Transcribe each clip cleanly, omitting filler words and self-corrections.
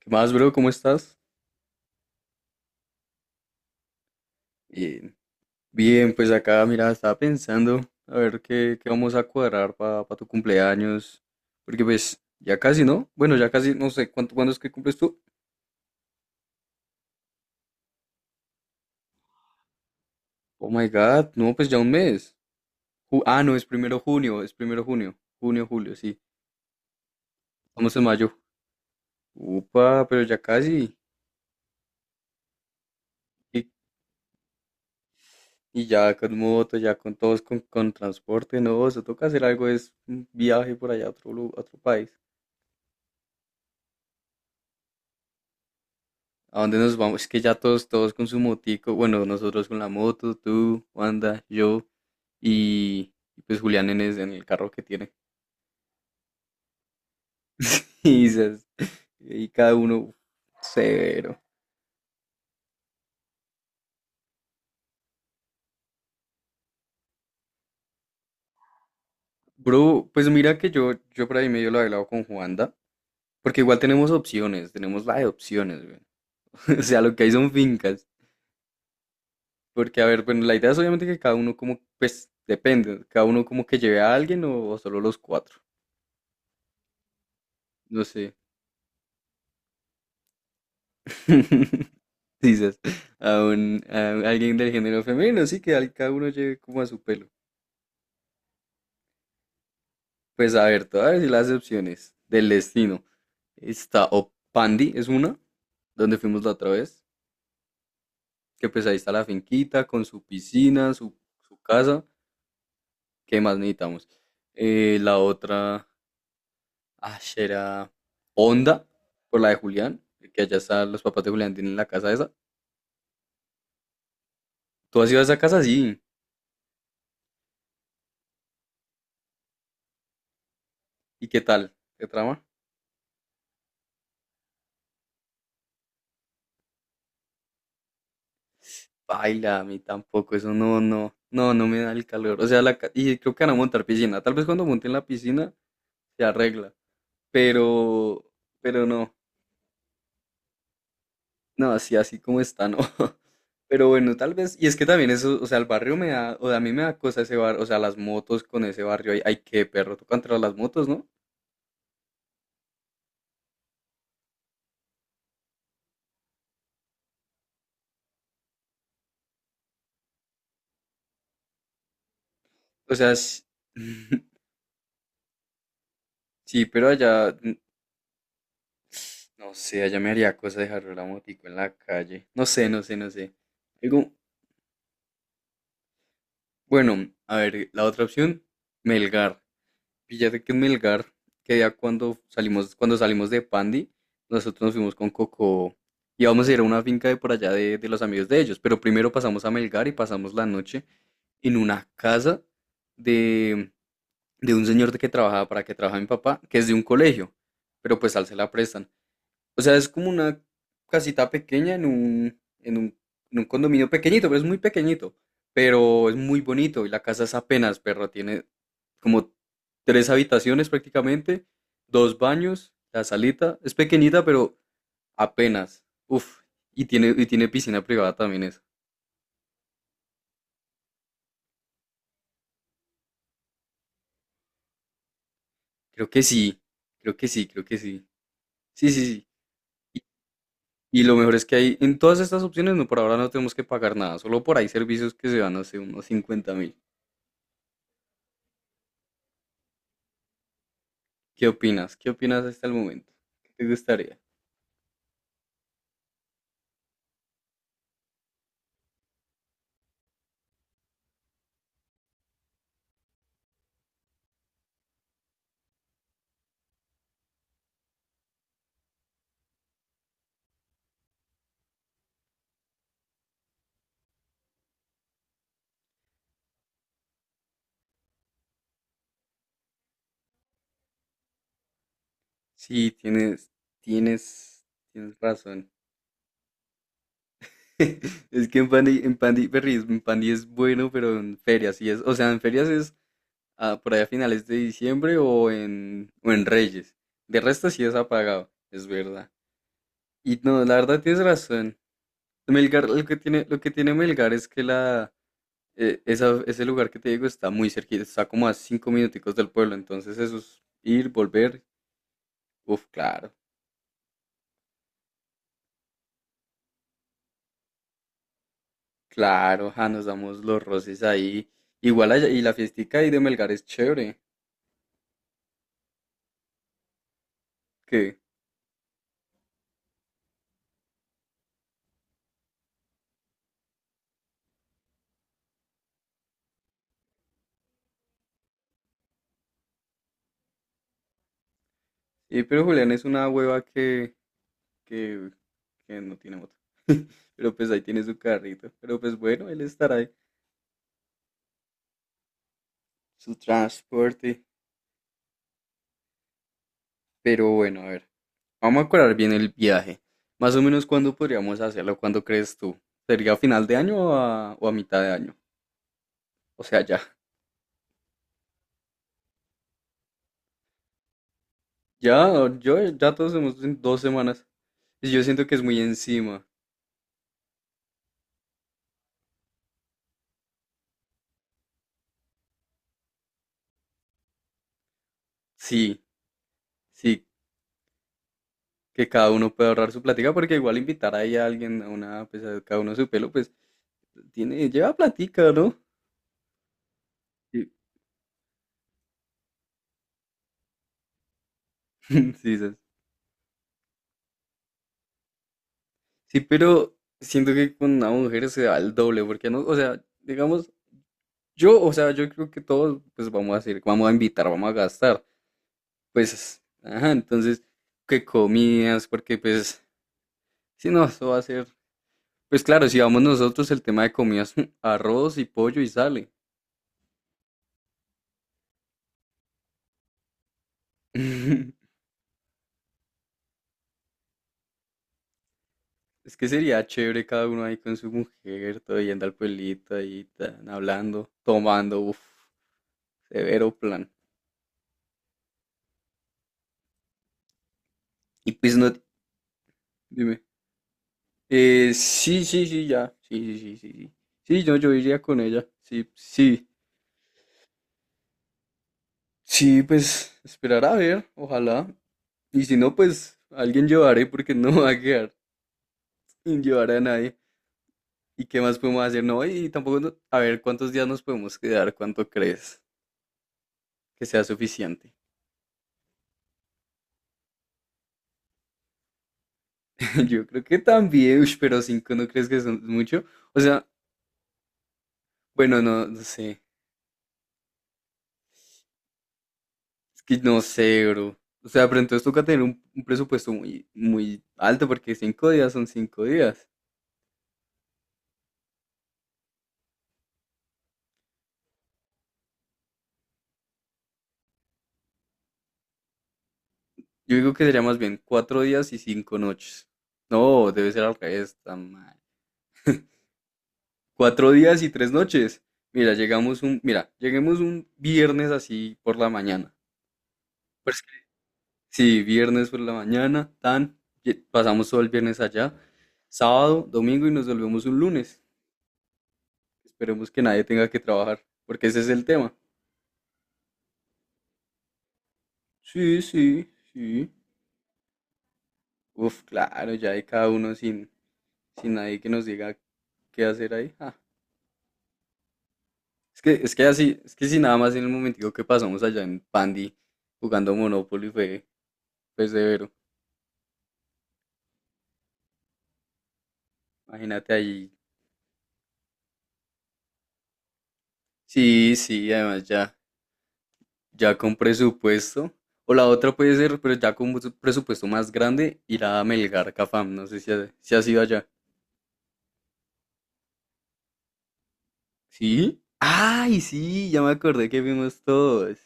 ¿Qué más, bro? ¿Cómo estás? Bien. Bien, pues acá, mira, estaba pensando a ver qué vamos a cuadrar para tu cumpleaños. Porque pues ya casi, ¿no? Bueno, ya casi, no sé, ¿cuánto, cuándo es que cumples tú? Oh my God, no, pues ya un mes. No, es primero junio, es primero junio. Junio, julio, sí. Vamos en mayo. Upa, pero ya casi. Y, y ya con moto, ya con todos, con transporte, no, se toca hacer algo, es un viaje por allá a otro, a otro país. ¿A dónde nos vamos? Es que ya todos con su motico. Bueno, nosotros con la moto, tú, Wanda, yo y y pues Julián en el carro que tiene. Y, dices, y cada uno severo. Bro, pues mira que yo por ahí medio lo he hablado con Juanda, porque igual tenemos opciones, tenemos la de opciones, güey. O sea, lo que hay son fincas. Porque, a ver, bueno, la idea es obviamente que cada uno como, pues depende, cada uno como que lleve a alguien o solo los cuatro. No sé. Dices, alguien del género femenino, sí, cada uno lleve como a su pelo. Pues a ver, te voy a decir las opciones del destino. Está o Pandi, es una, donde fuimos la otra vez, que pues ahí está la finquita con su piscina, su casa, ¿qué más necesitamos? La otra, ah, será Onda, por la de Julián, que allá están los papás de Julián, tienen la casa esa. ¿Tú has ido a esa casa? Sí. ¿Y qué tal? ¿Qué trama? Baila, a mí tampoco, eso no, no, no, no me da el calor. O sea, la, y creo que van a montar piscina. Tal vez cuando monten la piscina se arregla, pero, pero no, no, así, así como está, no. Pero bueno, tal vez, y es que también eso, o sea, el barrio me da, o sea, a mí me da cosa ese barrio, o sea, las motos con ese barrio, hay que perro, tú contra las motos, ¿no? O sea, sí, sí, pero allá, no sé, allá me haría cosa dejar la motico en la calle. No sé, no sé, no sé. Algo, bueno, a ver, la otra opción, Melgar. Fíjate que en Melgar, que ya cuando salimos de Pandi, nosotros nos fuimos con Coco y vamos a ir a una finca de por allá de los amigos de ellos, pero primero pasamos a Melgar y pasamos la noche en una casa de, de un señor de que trabajaba, para que trabajaba mi papá, que es de un colegio, pero pues al se la prestan. O sea, es como una casita pequeña en un condominio pequeñito, pero es muy pequeñito. Pero es muy bonito y la casa es apenas, perro. Tiene como tres habitaciones prácticamente, dos baños, la salita. Es pequeñita, pero apenas. Uf, y tiene piscina privada también eso. Creo que sí, creo que sí, creo que sí. Sí, sí, sí. Y, y lo mejor es que hay en todas estas opciones, no, por ahora no tenemos que pagar nada, solo por ahí servicios que se van, no sé, unos 50.000. ¿Qué opinas? ¿Qué opinas hasta el momento? ¿Qué te gustaría? Sí, tienes, tienes razón. Es que en Pandi, Berry, en Pandi es bueno, pero en ferias sí es, o sea, en ferias es ah, por allá a finales de diciembre o en Reyes. De resto sí es apagado, es verdad. Y no, la verdad tienes razón. Melgar, lo que tiene Melgar es que la, ese lugar que te digo está muy cerquita, está como a 5 minuticos del pueblo, entonces eso es ir, volver, uf, claro. Claro, ja, nos damos los roces ahí. Igual allá- y la fiestica ahí de Melgar es chévere. ¿Qué? Y pero Julián es una hueva que, que no tiene moto. Pero pues ahí tiene su carrito. Pero pues bueno, él estará ahí. Su transporte. Pero bueno, a ver. Vamos a acordar bien el viaje. Más o menos cuándo podríamos hacerlo, ¿cuándo crees tú? ¿Sería a final de año o a mitad de año? O sea, ya. Ya, ya todos hemos en 2 semanas. Y yo siento que es muy encima. Sí. Sí, que cada uno puede ahorrar su platica, porque igual invitar ahí a alguien a una, pues a cada uno su pelo, pues tiene, lleva platica, ¿no? Sí, sí, sí, sí, pero siento que con una mujer se da el doble, porque no, o sea, digamos, yo, o sea, yo creo que todos, pues vamos a invitar, vamos a gastar, pues, ajá, entonces, que comidas, porque pues, si no, eso va a ser, pues claro, si vamos nosotros, el tema de comidas, arroz y pollo y sale. Es que sería chévere cada uno ahí con su mujer, todo yendo al pueblito ahí, tan, hablando, tomando, uff, severo plan. Y pues no, dime. Sí, sí, sí, ya. Sí, sí, sí, sí, sí. Sí, yo iría con ella. Sí, sí. Sí, pues esperar a ver, ojalá. Y si no, pues alguien llevaré porque no va a quedar sin llevar a nadie. ¿Y qué más podemos hacer? No, y tampoco, a ver, ¿cuántos días nos podemos quedar? ¿Cuánto crees que sea suficiente? Yo creo que también, ush, pero cinco no crees que son mucho. O sea, bueno, no, no sé. Es que no sé, bro. O sea, pero entonces toca tener un presupuesto muy alto porque 5 días son 5 días. Yo digo que sería más bien 4 días y 5 noches. No, debe ser al revés, tan mal. 4 días y 3 noches. Mira, lleguemos un viernes así por la mañana. Sí, viernes por la mañana, tan, pasamos todo el viernes allá, sábado, domingo y nos volvemos un lunes. Esperemos que nadie tenga que trabajar, porque ese es el tema. Sí, sí, sí. Uf, claro, ya hay cada uno sin, sin nadie que nos diga qué hacer ahí. Ah, es que así, es que si nada más en el momentico que pasamos allá en Pandi jugando Monopoly fue severo. Imagínate ahí. Sí, sí, además ya. Ya con presupuesto. O la otra puede ser, pero ya con un presupuesto más grande, ir a Melgar Cafam. No sé si, si has ido allá. ¿Sí? ¡Ay, sí! Ya me acordé que vimos todos.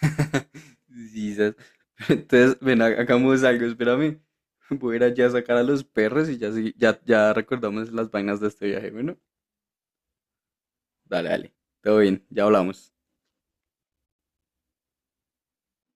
Sí, sas. Entonces, ven, hagamos algo, espérame. Voy a ir allá a sacar a los perros y ya, ya recordamos las vainas de este viaje. Bueno, dale, dale. Todo bien, ya hablamos.